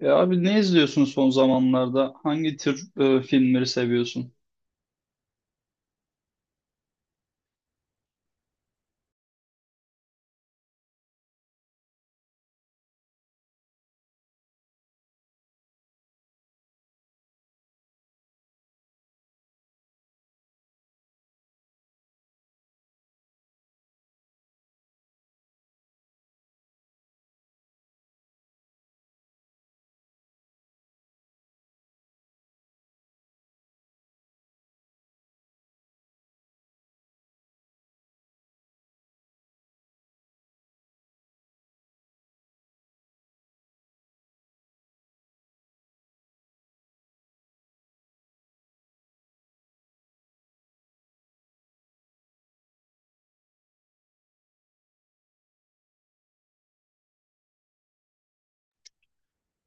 Ya abi ne izliyorsun son zamanlarda? Hangi tür filmleri seviyorsun?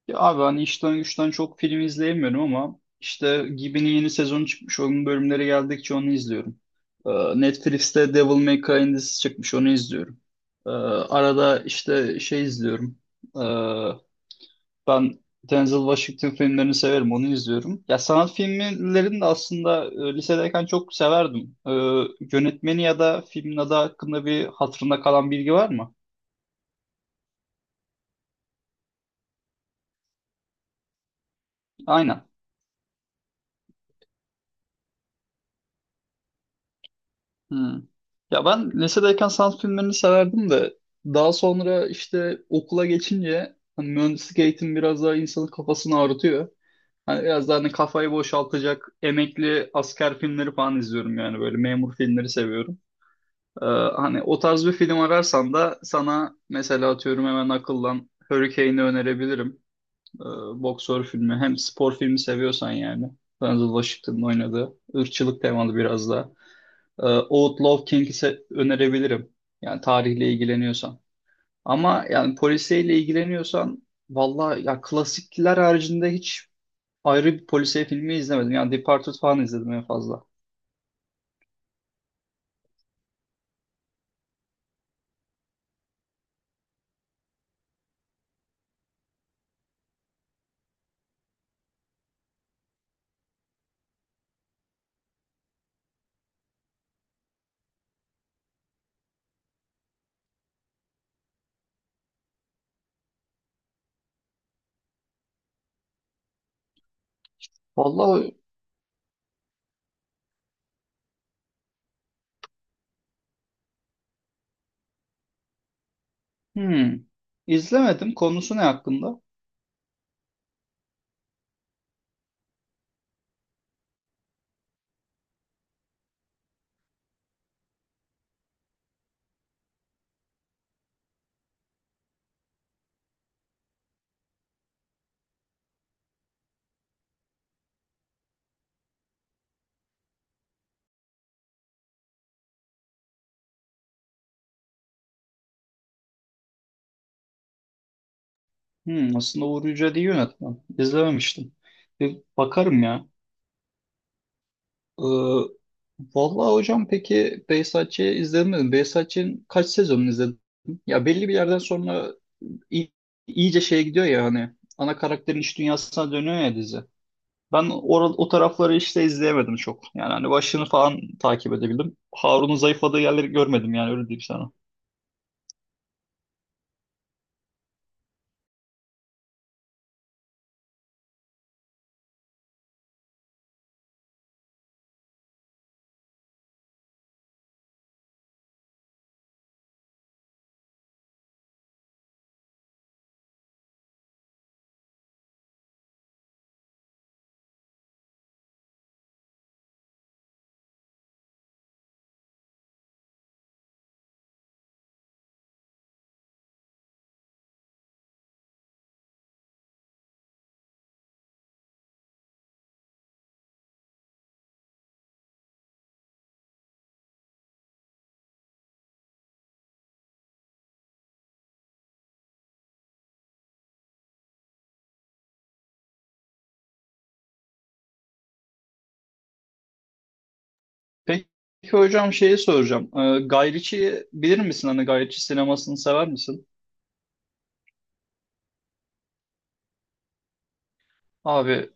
Ya abi hani işten güçten çok film izleyemiyorum ama işte Gibi'nin yeni sezonu çıkmış. Onun bölümleri geldikçe onu izliyorum. E, Netflix'te Devil May Cry dizisi çıkmış. Onu izliyorum. Arada işte şey izliyorum. E, Ben Denzel Washington filmlerini severim. Onu izliyorum. Ya sanat filmlerini de aslında lisedeyken çok severdim. Yönetmeni ya da filmin adı hakkında bir hatırında kalan bilgi var mı? Aynen. Hmm. Ya ben lisedeyken sanat filmlerini severdim de daha sonra işte okula geçince hani mühendislik eğitim biraz daha insanın kafasını ağrıtıyor. Hani biraz daha hani kafayı boşaltacak emekli asker filmleri falan izliyorum yani böyle memur filmleri seviyorum. Ee, Hani o tarz bir film ararsan da sana mesela atıyorum hemen akıllan Hurricane'i önerebilirim. Ee, Boksör filmi hem spor filmi seviyorsan yani. Denzel Washington'ın oynadığı ırkçılık temalı biraz da. Ee, Outlaw Kings'i önerebilirim. Yani tarihle ilgileniyorsan. Ama yani polisiyle ilgileniyorsan valla ya klasikler haricinde hiç ayrı bir polisiye filmi izlemedim. Yani Departed falan izledim en fazla. Valla hmm, izlemedim. Konusu ne hakkında? Hmm, aslında Uğur Yücel iyi yönetmen. İzlememiştim. Bir bakarım ya. Ee, Vallahi hocam peki Behzatçı'yı izledin mi? Behzatçı'nın kaç sezonunu izledim? Ya belli bir yerden sonra i- iyice şeye gidiyor ya hani ana karakterin iç dünyasına dönüyor ya dizi. Ben o tarafları işte izleyemedim çok. Yani hani başını falan takip edebildim. Harun'un zayıfladığı yerleri görmedim yani öyle diyeyim sana. Peki hocam şeyi soracağım. Guy Ritchie'yi bilir misin? Hani Guy Ritchie sinemasını sever misin? Abi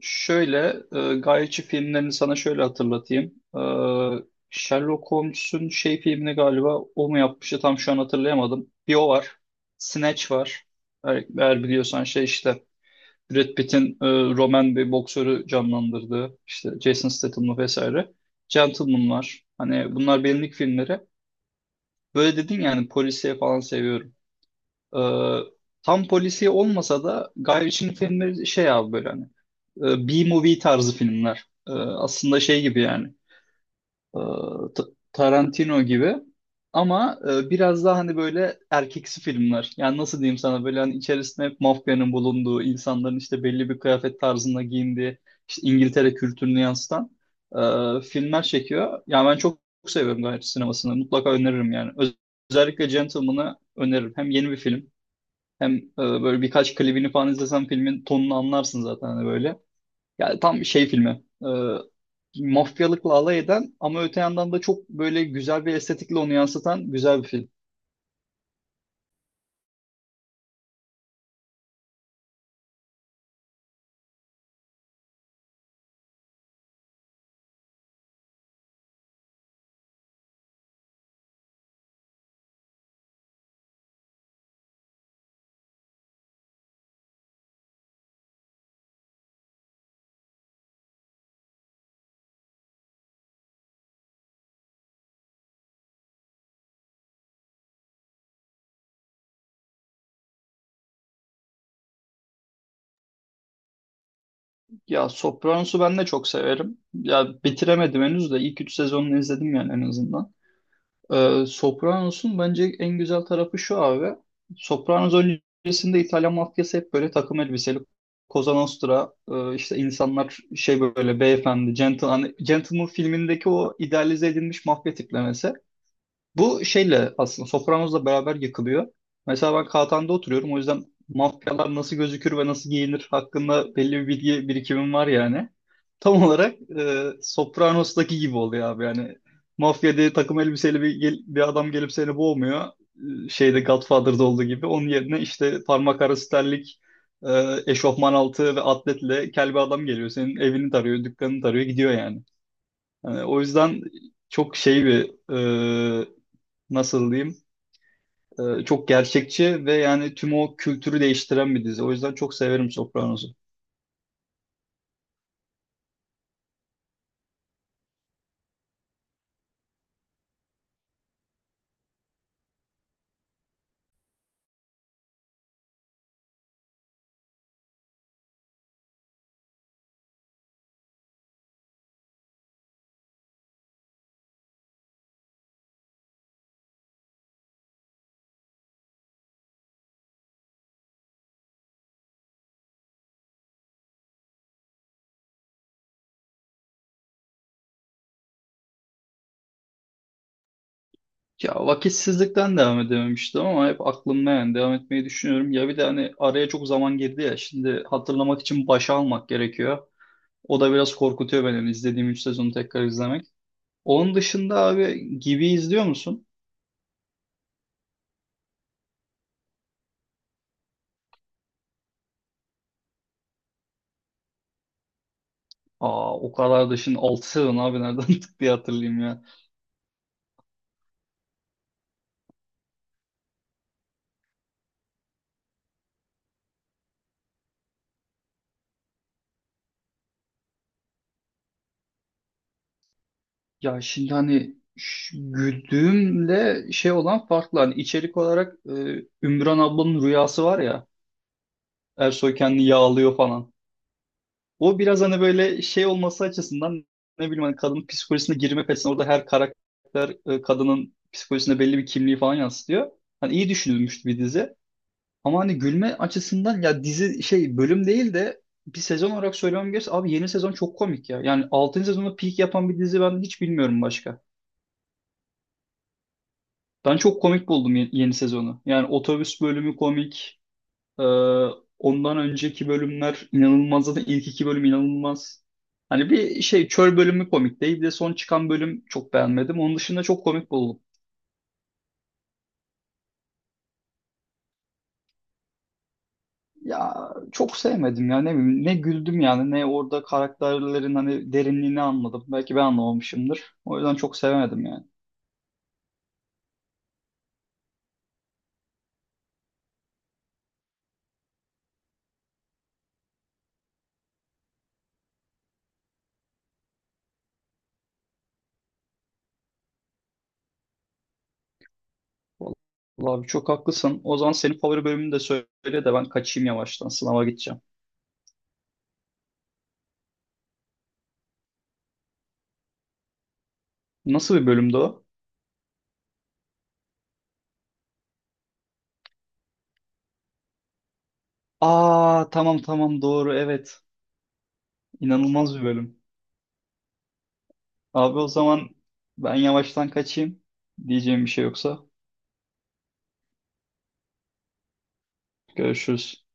şöyle Guy Ritchie filmlerini sana şöyle hatırlatayım. Ee, Sherlock Holmes'un şey filmini galiba o mu yapmıştı tam şu an hatırlayamadım. Bir o var. Snatch var. Eğer biliyorsan şey işte Brad Pitt'in Roman bir boksörü canlandırdığı işte Jason Statham'lı vesaire. Gentleman var. Hani bunlar benlik filmleri. Böyle dedin yani polisiye falan seviyorum. Ee, Tam polisiye olmasa da Guy Ritchie'nin filmleri şey abi böyle hani B-movie tarzı filmler. Aslında şey gibi yani e, Ta- Tarantino gibi ama biraz daha hani böyle erkeksi filmler. Yani nasıl diyeyim sana böyle hani içerisinde hep mafyanın bulunduğu, insanların işte belli bir kıyafet tarzında giyindiği, işte İngiltere kültürünü yansıtan filmler çekiyor. Yani ben çok seviyorum Guy Ritchie sinemasını. Mutlaka öneririm yani. Özellikle Gentleman'ı öneririm. Hem yeni bir film hem böyle birkaç klibini falan izlesen filmin tonunu anlarsın zaten hani böyle. Yani tam şey filmi. Mafyalıkla alay eden ama öte yandan da çok böyle güzel bir estetikle onu yansıtan güzel bir film. Ya Sopranos'u ben de çok severim. Ya bitiremedim henüz de ilk 3 sezonunu izledim yani en azından. Sopranos'un bence en güzel tarafı şu abi. Sopranos öncesinde İtalyan mafyası hep böyle takım elbiseli. Cosa Nostra, işte insanlar şey böyle beyefendi, gentleman, gentleman filmindeki o idealize edilmiş mafya tiplemesi. Bu şeyle aslında Sopranos'la beraber yakılıyor. Mesela ben Katan'da oturuyorum. O yüzden mafyalar nasıl gözükür ve nasıl giyinir hakkında belli bir bilgi birikimim var yani. Tam olarak Sopranos'taki gibi oluyor abi yani. Mafya diye takım elbiseli bir, bir adam gelip seni boğmuyor. Şeyde Godfather'da olduğu gibi. Onun yerine işte parmak arası terlik, e, eşofman altı ve atletle kel bir adam geliyor. Senin evini tarıyor, dükkanını tarıyor, gidiyor yani. Yani o yüzden çok şey bir e, nasıl diyeyim çok gerçekçi ve yani tüm o kültürü değiştiren bir dizi. O yüzden çok severim Sopranos'u. Ya vakitsizlikten devam edememiştim ama hep aklımda yani devam etmeyi düşünüyorum. Ya bir de hani araya çok zaman girdi ya şimdi hatırlamak için başa almak gerekiyor. O da biraz korkutuyor beni hani izlediğim 3 sezonu tekrar izlemek. Onun dışında abi Gibi izliyor musun? Aa o kadar da şimdi 6 sezon abi nereden tık diye hatırlayayım ya. Ya şimdi hani güldüğümle şey olan farklı. Hani içerik olarak Ümran ablanın rüyası var ya. Ersoy kendini yağlıyor falan. O biraz hani böyle şey olması açısından ne bileyim hani kadının psikolojisine girme açısından orada her karakter kadının psikolojisine belli bir kimliği falan yansıtıyor. Hani iyi düşünülmüş bir dizi. Ama hani gülme açısından ya dizi şey bölüm değil de bir sezon olarak söylemem gerekirse abi yeni sezon çok komik ya. Yani altıncı sezonda peak yapan bir dizi ben hiç bilmiyorum başka. Ben çok komik buldum yeni sezonu. Yani otobüs bölümü komik. Ee, Ondan önceki bölümler inanılmaz. Zaten ilk iki bölüm inanılmaz. Hani bir şey çöl bölümü komik değil. Bir de son çıkan bölüm çok beğenmedim. Onun dışında çok komik buldum. Ya çok sevmedim ya ne bileyim ne güldüm yani ne orada karakterlerin hani derinliğini anladım. Belki ben anlamamışımdır. O yüzden çok sevemedim yani. Vallahi abi çok haklısın. O zaman senin favori bölümünü de söyle de ben kaçayım yavaştan sınava gideceğim. Nasıl bir bölümdü o? Aa tamam tamam doğru evet. İnanılmaz bir bölüm. Abi o zaman ben yavaştan kaçayım. Diyeceğim bir şey yoksa. Görüşürüz.